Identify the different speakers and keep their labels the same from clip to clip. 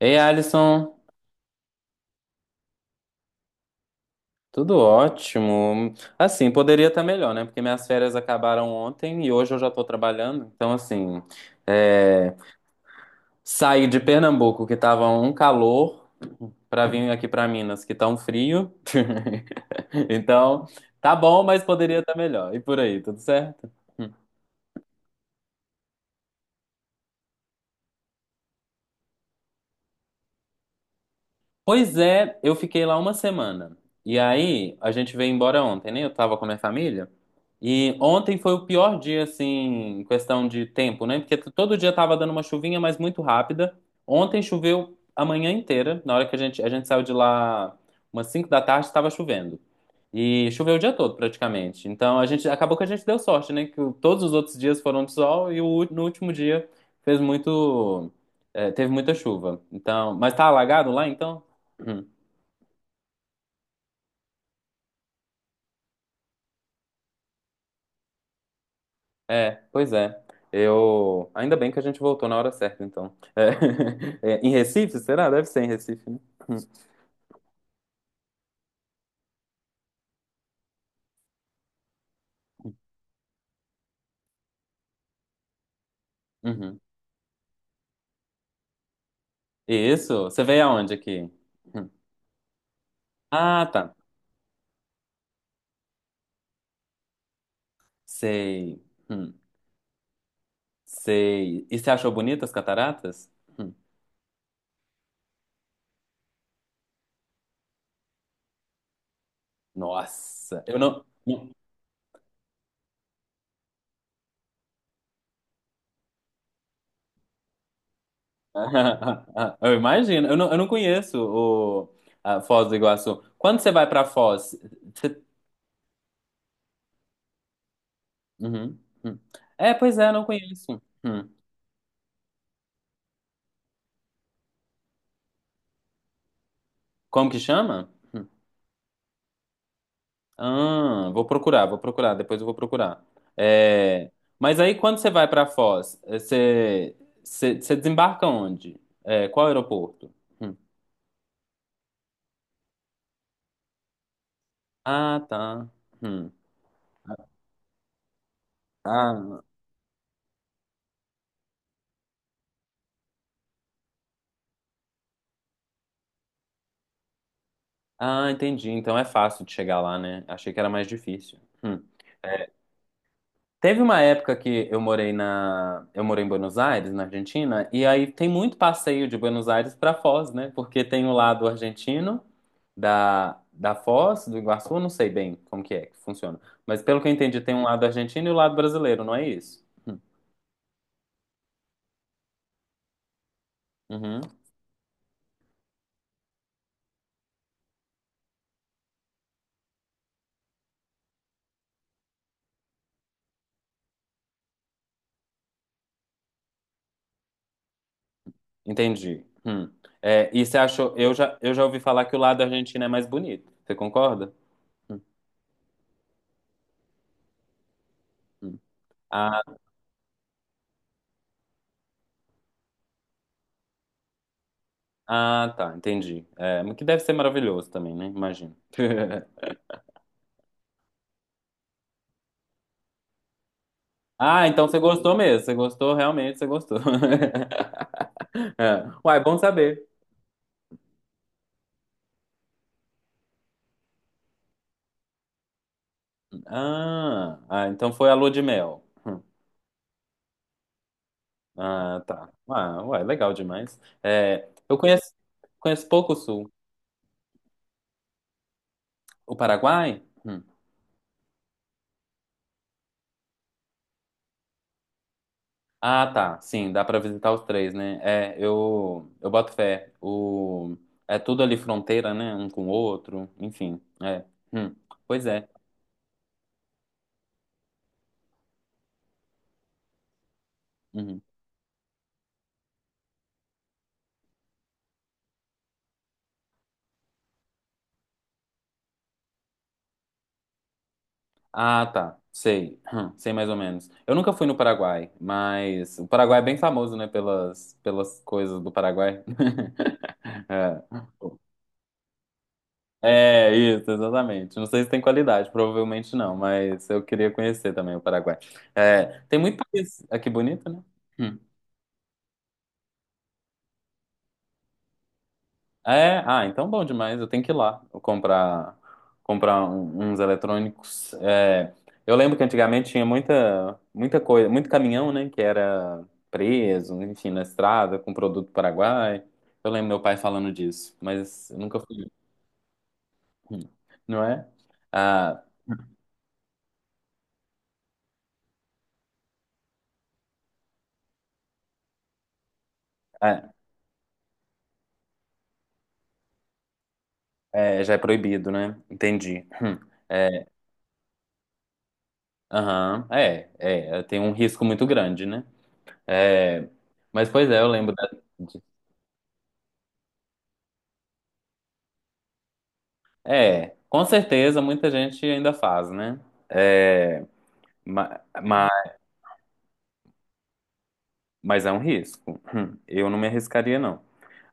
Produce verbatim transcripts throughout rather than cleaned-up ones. Speaker 1: Ei, Alisson, tudo ótimo. Assim, poderia estar melhor, né? Porque minhas férias acabaram ontem e hoje eu já estou trabalhando. Então, assim, é, saí de Pernambuco, que tava um calor, para vir aqui para Minas, que tá um frio. Então, tá bom, mas poderia estar melhor. E por aí, tudo certo? Pois é, eu fiquei lá uma semana. E aí, a gente veio embora ontem, né? Eu tava com a minha família. E ontem foi o pior dia, assim, em questão de tempo, né? Porque t- todo dia tava dando uma chuvinha, mas muito rápida. Ontem choveu a manhã inteira. Na hora que a gente, a gente saiu de lá, umas cinco da tarde, estava chovendo. E choveu o dia todo, praticamente. Então, a gente, acabou que a gente deu sorte, né? Que o- todos os outros dias foram de sol e o, ú- no último dia fez muito, eh, teve muita chuva. Então, mas tá alagado lá, então? Hum. É, pois é. Eu. Ainda bem que a gente voltou na hora certa, então. É. É, em Recife, será? Deve ser em Recife, né? Uhum. Isso. Você veio aonde aqui? Hum. Ah, tá. Sei. Hum. Sei. E você achou bonitas as cataratas? Hum. Nossa, eu não. não- Eu imagino. Eu não, eu não conheço o a Foz do Iguaçu. Quando você vai pra Foz? Você... Uhum. Hum. É, pois é, eu não conheço. Hum. Como que chama? Ah, vou procurar, vou procurar, depois eu vou procurar. É, mas aí quando você vai para Foz, é, você você- você desembarca onde? É, qual aeroporto? Hum. Ah, tá. Hum. Ah, ah, entendi. Então é fácil de chegar lá, né? Achei que era mais difícil. Hum. Teve uma época que eu morei na, eu morei em Buenos Aires, na Argentina, e aí tem muito passeio de Buenos Aires para Foz, né? Porque tem o lado argentino da, da Foz, do Iguaçu, eu não sei bem como que é que funciona. Mas pelo que eu entendi, tem um lado argentino e o lado brasileiro, não é isso? Hum. Uhum. Entendi. Hum. É, e você achou? Eu já, eu já ouvi falar que o lado argentino é mais bonito. Você concorda? Hum. Ah, ah, tá, entendi. É, mas que deve ser maravilhoso também, né? Imagino. Ah, então você gostou mesmo. Você gostou, realmente, você gostou. É. Uai, bom saber. Ah, ah, então foi a lua de mel. Hum. Ah, tá. Ah, uai, legal demais. É, eu conheço, conheço pouco o Sul. O Paraguai? Hum. Ah, tá. Sim, dá pra visitar os três, né? É, eu, eu boto fé. O, é tudo ali fronteira, né? Um com o outro. Enfim, é. Hum. Pois é. Uhum. Ah, tá. Sei. Hum, Sei mais ou menos. Eu nunca fui no Paraguai, mas o Paraguai é bem famoso, né, pelas, pelas coisas do Paraguai. É. É, isso, exatamente. Não sei se tem qualidade, provavelmente não, mas eu queria conhecer também o Paraguai. É, tem muito país aqui bonito, né? Hum. É, ah, então bom demais. Eu tenho que ir lá comprar comprar um- uns eletrônicos. É, eu lembro que antigamente tinha muita muita coisa, muito caminhão, né, que era preso, enfim, na estrada com produto paraguai. Eu lembro meu pai falando disso, mas eu nunca fui. Hum. Não é? Ah, ah, é, já é proibido, né? Entendi. Hum. É, aham, é, é, tem um risco muito grande, né? É, mas pois é, eu lembro. É, com certeza muita gente ainda faz, né? É, ma- ma- mas é um risco. Hum, Eu não me arriscaria, não.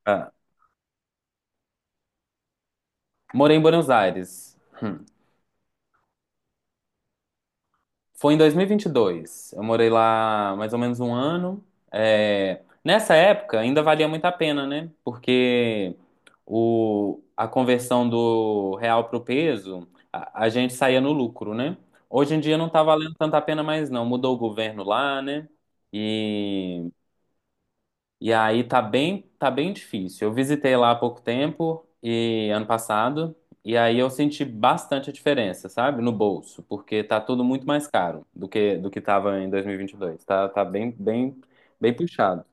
Speaker 1: Ah, morei em Buenos Aires. Hum, Foi em dois mil e vinte e dois. Eu morei lá mais ou menos um ano. É, nessa época ainda valia muito a pena, né? Porque o, a conversão do real pro peso, a, a gente saía no lucro, né? Hoje em dia não tá valendo tanto a pena mais, não. Mudou o governo lá, né? E E aí tá bem, tá bem difícil. Eu visitei lá há pouco tempo e ano passado, e aí eu senti bastante a diferença, sabe? No bolso, porque tá tudo muito mais caro do que do que tava em dois mil e vinte e dois. Tá, tá bem, bem, bem puxado.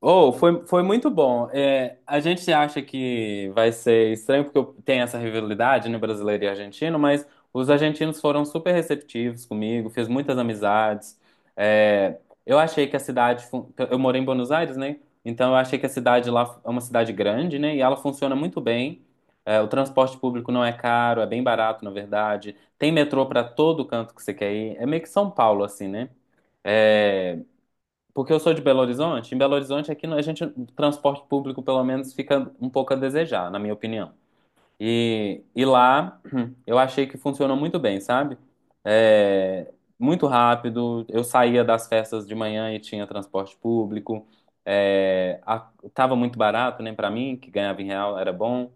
Speaker 1: Oh, foi, foi muito bom. É, a gente acha que vai ser estranho porque eu- tem essa rivalidade, né, brasileiro e argentino, mas os argentinos foram super receptivos comigo, fiz muitas amizades. É, eu achei que a cidade, fun- eu morei em Buenos Aires, né? Então eu achei que a cidade lá é uma cidade grande, né? E ela funciona muito bem. É, o transporte público não é caro, é bem barato, na verdade. Tem metrô para todo canto que você quer ir. É meio que São Paulo, assim, né? É, porque eu sou de Belo Horizonte, em Belo Horizonte aqui a gente, o transporte público pelo menos fica um pouco a desejar, na minha opinião. E, e lá eu achei que funcionou muito bem, sabe? É, muito rápido, eu saía das festas de manhã e tinha transporte público. É, a- tava muito barato, né, para mim, que ganhava em real, era bom.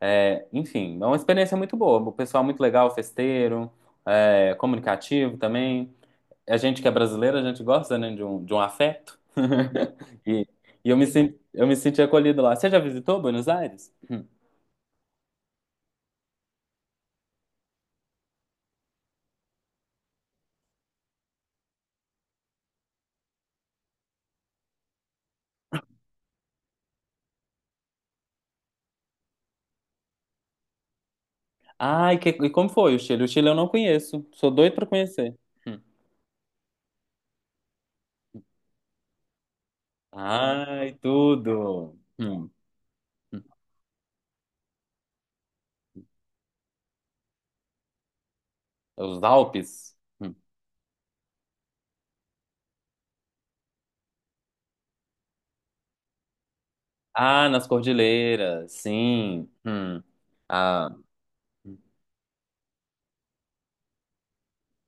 Speaker 1: É, enfim, é uma experiência muito boa. O pessoal muito legal, festeiro, é, comunicativo também a gente que é brasileiro, a gente gosta, né, de um, de um afeto. E, e eu me senti, eu me senti acolhido lá. Você já visitou Buenos Aires? Hum. Ai, que, e como foi o Chile? O Chile eu não conheço. Sou doido pra conhecer. Hum. Ai, tudo. Hum. Os Alpes? Hum. Ah, nas cordilheiras, sim. Hum. Ah,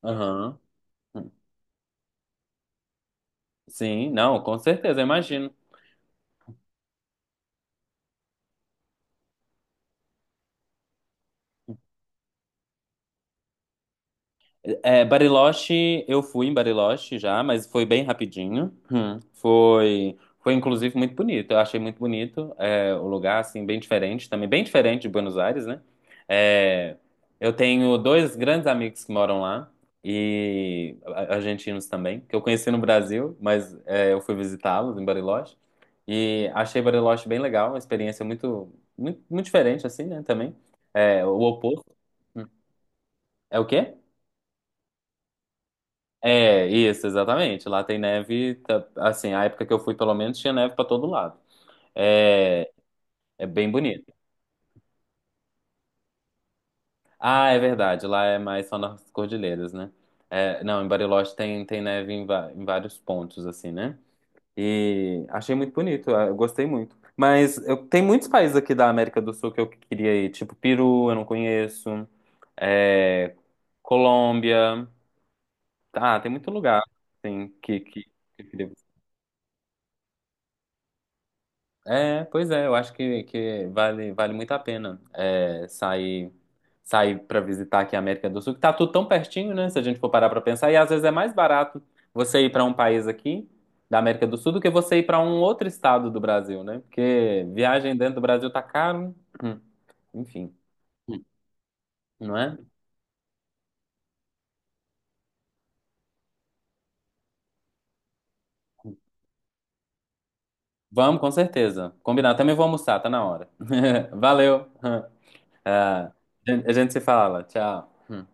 Speaker 1: aham. Sim, não, com certeza, eu imagino. É, Bariloche, eu fui em Bariloche já, mas foi bem rapidinho. Hum. Foi, foi inclusive muito bonito. Eu achei muito bonito, é, o lugar assim bem diferente, também bem diferente de Buenos Aires, né? É, eu tenho dois grandes amigos que moram lá e a- argentinos também, que eu conheci no Brasil, mas é, eu fui visitá-los em Bariloche e achei Bariloche bem legal, uma experiência muito, muito, muito diferente assim, né? Também é o oposto. Hum. É o quê? É, isso, exatamente. Lá tem neve, tá- assim, a época que eu fui, pelo menos, tinha neve pra todo lado. É, é bem bonito. Ah, é verdade, lá é mais só nas cordilheiras, né? É, não, em Bariloche tem, tem neve em, va- em vários pontos, assim, né? E achei muito bonito, eu gostei muito. Mas eu, tem muitos países aqui da América do Sul que eu queria ir, tipo Peru, eu não conheço, é, Colômbia. Ah, tem muito lugar, assim, que, que, que eu queria. É, pois é, eu acho que, que vale, vale muito a pena é, sair, sair para visitar aqui a América do Sul, que tá tudo tão pertinho, né? Se a gente for parar para pensar, e às vezes é mais barato você ir para um país aqui da América do Sul do que você ir para um outro estado do Brasil, né? Porque viagem dentro do Brasil tá caro. Hum, enfim, não é? Vamos, com certeza. Combinado. Também vou almoçar, tá na hora. Valeu. Ah, a gente se fala. Tchau. Hum.